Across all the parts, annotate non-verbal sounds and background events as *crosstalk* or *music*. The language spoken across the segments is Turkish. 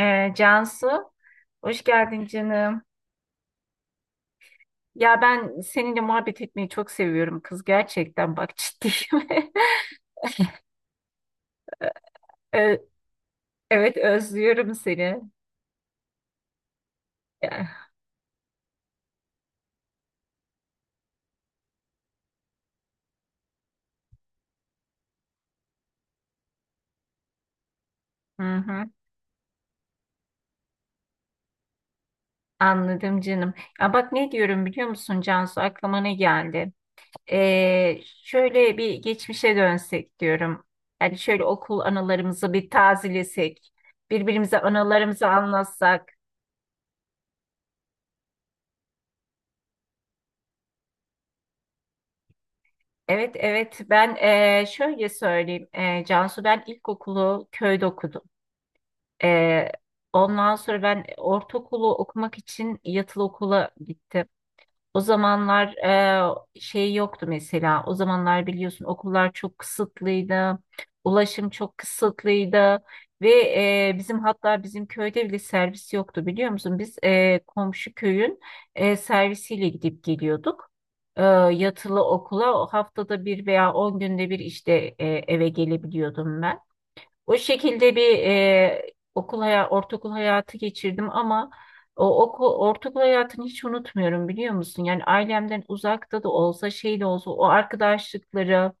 Cansu, hoş geldin canım. Ya ben seninle muhabbet etmeyi çok seviyorum kız, gerçekten bak, ciddiyim. *laughs* Ee, Evet, özlüyorum seni. Ya. Hı hı, anladım canım. Ya bak, ne diyorum biliyor musun Cansu, aklıma ne geldi? Şöyle bir geçmişe dönsek diyorum. Yani şöyle okul anılarımızı bir tazelesek. Birbirimize anılarımızı anlatsak. Evet, evet. Ben şöyle söyleyeyim. Cansu, ben ilkokulu köyde okudum. Eee, Ondan sonra ben ortaokulu okumak için yatılı okula gittim. O zamanlar şey yoktu mesela. O zamanlar biliyorsun, okullar çok kısıtlıydı. Ulaşım çok kısıtlıydı. Ve bizim, hatta bizim köyde bile servis yoktu, biliyor musun? Biz komşu köyün servisiyle gidip geliyorduk. Yatılı okula o, haftada bir veya 10 günde bir, işte eve gelebiliyordum ben. O şekilde bir okul hayatı, ortaokul hayatı geçirdim ama o okul, ortaokul hayatını hiç unutmuyorum, biliyor musun? Yani ailemden uzakta da olsa, şey de olsa, o arkadaşlıkları,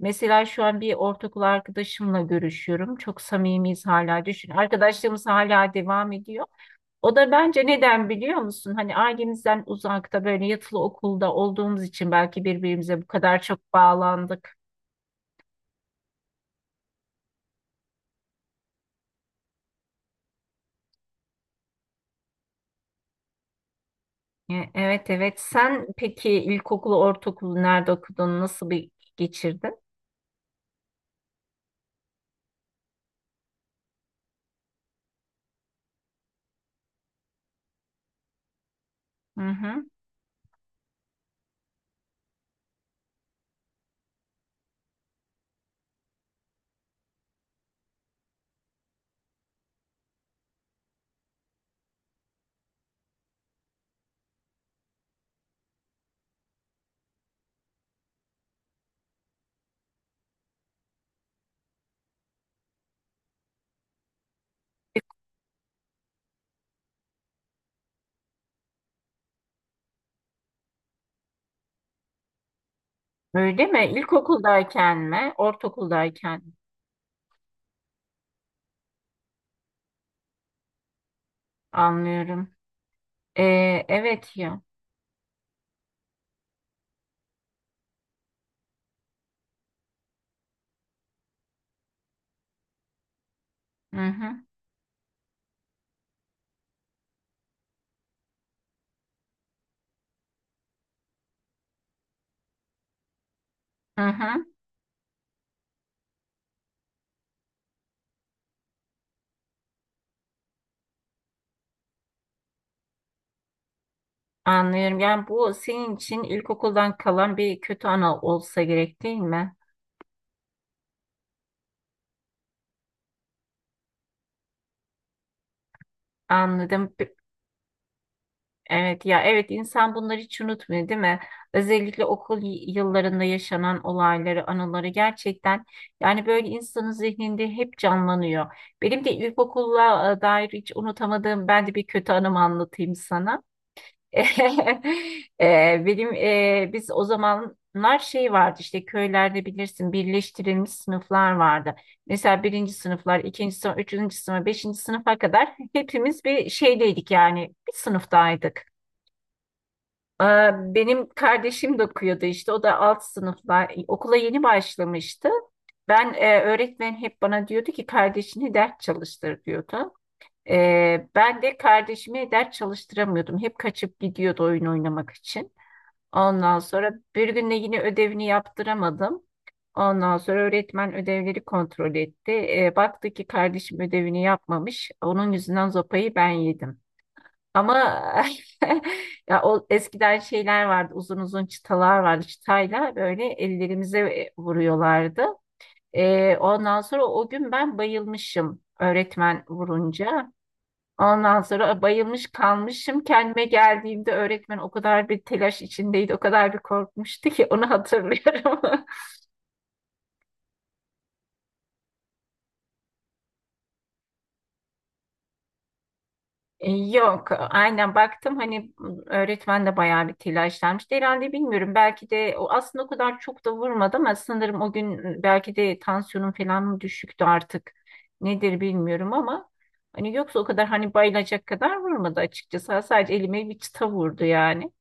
mesela şu an bir ortaokul arkadaşımla görüşüyorum. Çok samimiyiz hala, düşün. Arkadaşlığımız hala devam ediyor. O da bence, neden biliyor musun? Hani ailemizden uzakta, böyle yatılı okulda olduğumuz için belki birbirimize bu kadar çok bağlandık. Evet, evet. Sen peki ilkokulu, ortaokulu nerede okudun? Nasıl bir geçirdin? Hı hı. Öyle mi? İlkokuldayken mi? Ortaokuldayken mi? Anlıyorum. E, evet ya. Hı hı. Hı hı. Anlıyorum. Yani bu senin için ilkokuldan kalan bir kötü anı olsa gerek, değil mi? Anladım. Evet ya, evet, insan bunları hiç unutmuyor, değil mi? Özellikle okul yıllarında yaşanan olayları, anıları, gerçekten yani böyle insanın zihninde hep canlanıyor. Benim de ilkokulla dair hiç unutamadığım, ben de bir kötü anımı anlatayım sana. *laughs* Benim biz o zamanlar şey vardı, işte köylerde bilirsin, birleştirilmiş sınıflar vardı. Mesela birinci sınıflar, ikinci sınıf, üçüncü sınıf, beşinci sınıfa kadar hepimiz bir şeydeydik, yani bir sınıftaydık. Aa, benim kardeşim de okuyordu işte. O da alt sınıflar. Okula yeni başlamıştı. Ben öğretmen hep bana diyordu ki kardeşini ders çalıştır diyordu. Ben de kardeşimi ders çalıştıramıyordum. Hep kaçıp gidiyordu oyun oynamak için. Ondan sonra bir gün de yine ödevini yaptıramadım. Ondan sonra öğretmen ödevleri kontrol etti. Baktı ki kardeşim ödevini yapmamış. Onun yüzünden zopayı ben yedim. Ama *laughs* ya o eskiden şeyler vardı, uzun uzun çıtalar vardı. Çıtayla böyle ellerimize vuruyorlardı. Ondan sonra o gün ben bayılmışım öğretmen vurunca. Ondan sonra bayılmış kalmışım. Kendime geldiğimde öğretmen o kadar bir telaş içindeydi, o kadar bir korkmuştu ki, onu hatırlıyorum. *laughs* Yok, aynen, baktım hani, öğretmen de bayağı bir telaşlanmıştı herhalde, bilmiyorum, belki de o aslında o kadar çok da vurmadı ama sanırım o gün belki de tansiyonum falan mı düşüktü artık, nedir bilmiyorum ama hani, yoksa o kadar, hani bayılacak kadar vurmadı açıkçası, sadece elime bir çıta vurdu yani.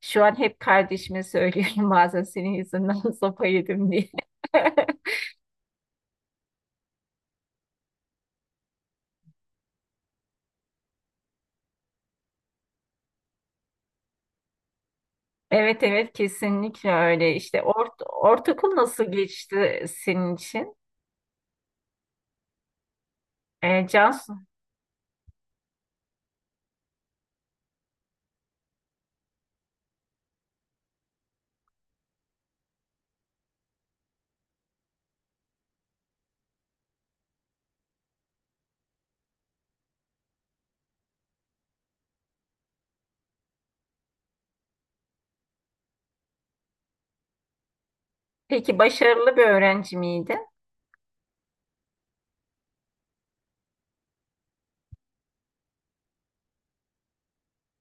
Şu an hep kardeşime söylüyorum *laughs* bazen, senin yüzünden *laughs* sopa yedim diye. *laughs* Evet, evet, kesinlikle öyle işte, ortaokul nasıl geçti senin için? E, Cansu'nun Peki başarılı bir öğrenci miydi?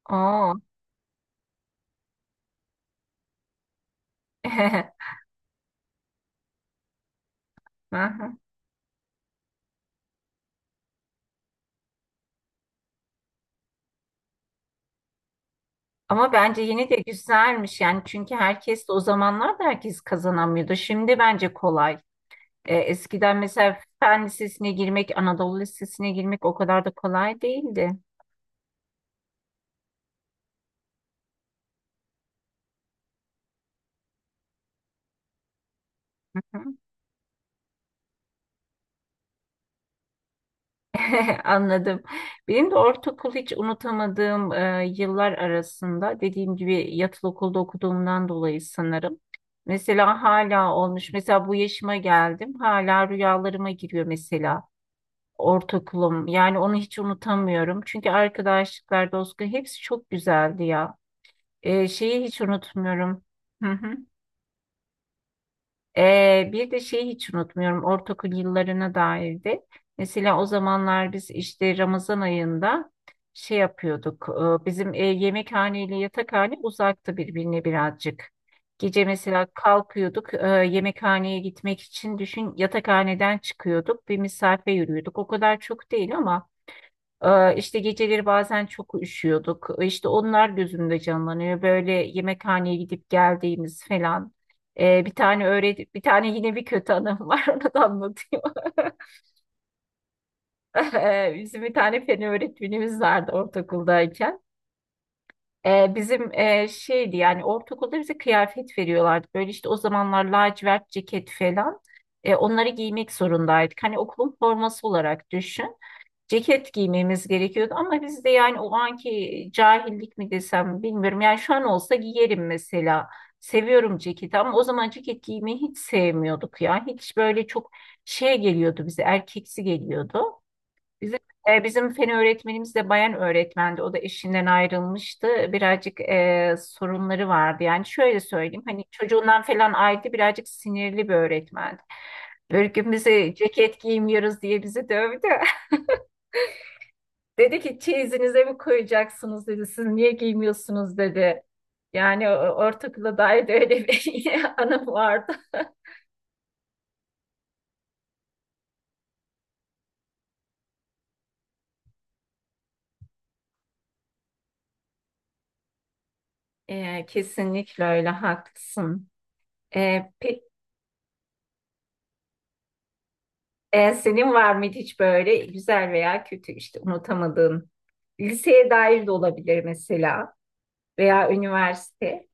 Oo. *laughs* Aha. Ama bence yine de güzelmiş yani, çünkü herkes de, o zamanlar da herkes kazanamıyordu. Şimdi bence kolay. Eskiden mesela Fen Lisesi'ne girmek, Anadolu Lisesi'ne girmek o kadar da kolay değildi. Hı. *laughs* Anladım. Benim de ortaokul hiç unutamadığım yıllar arasında, dediğim gibi, yatılı okulda okuduğumdan dolayı sanırım. Mesela hala olmuş. Mesela bu yaşıma geldim. Hala rüyalarıma giriyor mesela ortaokulum. Yani onu hiç unutamıyorum. Çünkü arkadaşlıklar, dostluklar, hepsi çok güzeldi ya. Şeyi hiç unutmuyorum. *laughs* Bir de şeyi hiç unutmuyorum, ortaokul yıllarına dairdi. Mesela o zamanlar biz işte Ramazan ayında şey yapıyorduk. Bizim yemekhane ile yatakhane uzaktı birbirine birazcık. Gece mesela kalkıyorduk yemekhaneye gitmek için, düşün, yatakhaneden çıkıyorduk, bir mesafe yürüyorduk. O kadar çok değil ama işte geceleri bazen çok üşüyorduk. İşte onlar gözümde canlanıyor, böyle yemekhaneye gidip geldiğimiz falan. Bir tane yine bir kötü anım var, *laughs* onu da anlatayım. *laughs* Bizim bir tane fen öğretmenimiz vardı ortaokuldayken. Bizim şeydi yani, ortaokulda bize kıyafet veriyorlardı. Böyle işte o zamanlar lacivert ceket falan. Onları giymek zorundaydık. Hani okulun forması olarak düşün. Ceket giymemiz gerekiyordu ama biz de yani o anki cahillik mi desem bilmiyorum. Yani şu an olsa giyerim mesela. Seviyorum ceketi ama o zaman ceket giymeyi hiç sevmiyorduk ya. Hiç böyle çok şey geliyordu bize, erkeksi geliyordu. Bizim, bizim fen öğretmenimiz de bayan öğretmendi. O da eşinden ayrılmıştı. Birazcık sorunları vardı. Yani şöyle söyleyeyim, hani çocuğundan falan ayrıydı, birazcık sinirli bir öğretmendi. Böyle gün bize ceket giymiyoruz diye bizi dövdü. *laughs* Dedi ki, çeyizinize mi koyacaksınız dedi. Siz niye giymiyorsunuz dedi. Yani ortaokula dair de öyle bir *laughs* anım vardı. Kesinlikle öyle, haklısın. Ee, pe- senin var mıydı hiç böyle güzel veya kötü işte unutamadığın? Liseye dair de olabilir, mesela veya üniversite.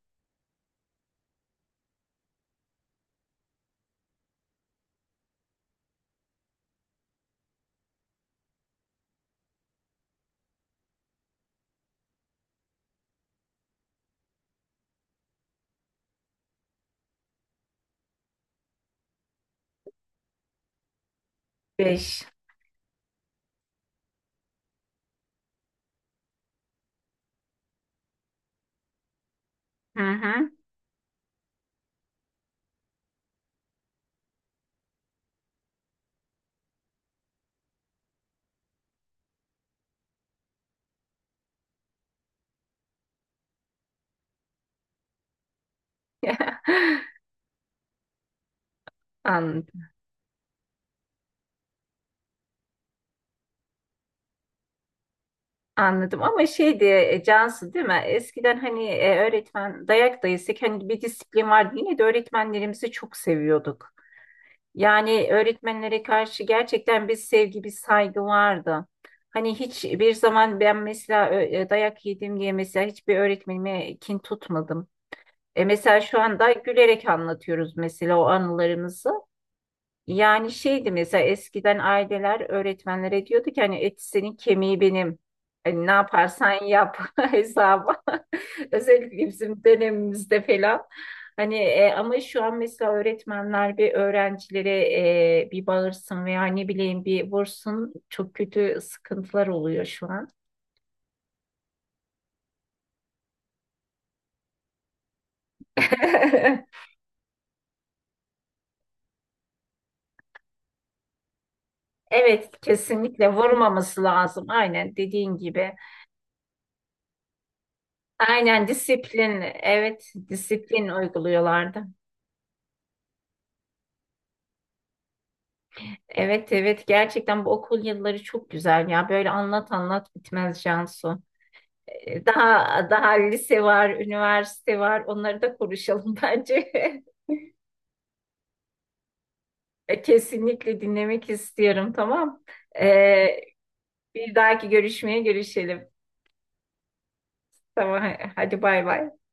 Beş. Hı hı. *laughs* Anladım. Anladım ama şeydi Cansu, değil mi? Eskiden hani öğretmen dayak da yesek hani bir disiplin vardı. Yine de öğretmenlerimizi çok seviyorduk. Yani öğretmenlere karşı gerçekten bir sevgi, bir saygı vardı. Hani hiçbir zaman ben mesela dayak yedim diye mesela hiçbir öğretmenime kin tutmadım. Mesela şu anda gülerek anlatıyoruz mesela o anılarımızı. Yani şeydi, mesela eskiden aileler öğretmenlere diyordu ki, hani et senin kemiği benim. Hani ne yaparsan yap *laughs* hesabı. *laughs* Özellikle bizim dönemimizde falan. Hani ama şu an mesela öğretmenler bir öğrencilere bir bağırsın veya ne bileyim bir vursun, çok kötü sıkıntılar oluyor şu an. *laughs* Evet, kesinlikle vurmaması lazım, aynen dediğin gibi. Aynen, disiplin. Evet, disiplin uyguluyorlardı. Evet, evet, gerçekten bu okul yılları çok güzel ya, böyle anlat anlat bitmez Cansu. Daha daha lise var, üniversite var, onları da konuşalım *laughs* bence. Kesinlikle dinlemek istiyorum, tamam. Ee, Bir dahaki görüşmeye görüşelim. Tamam, hadi bay bay.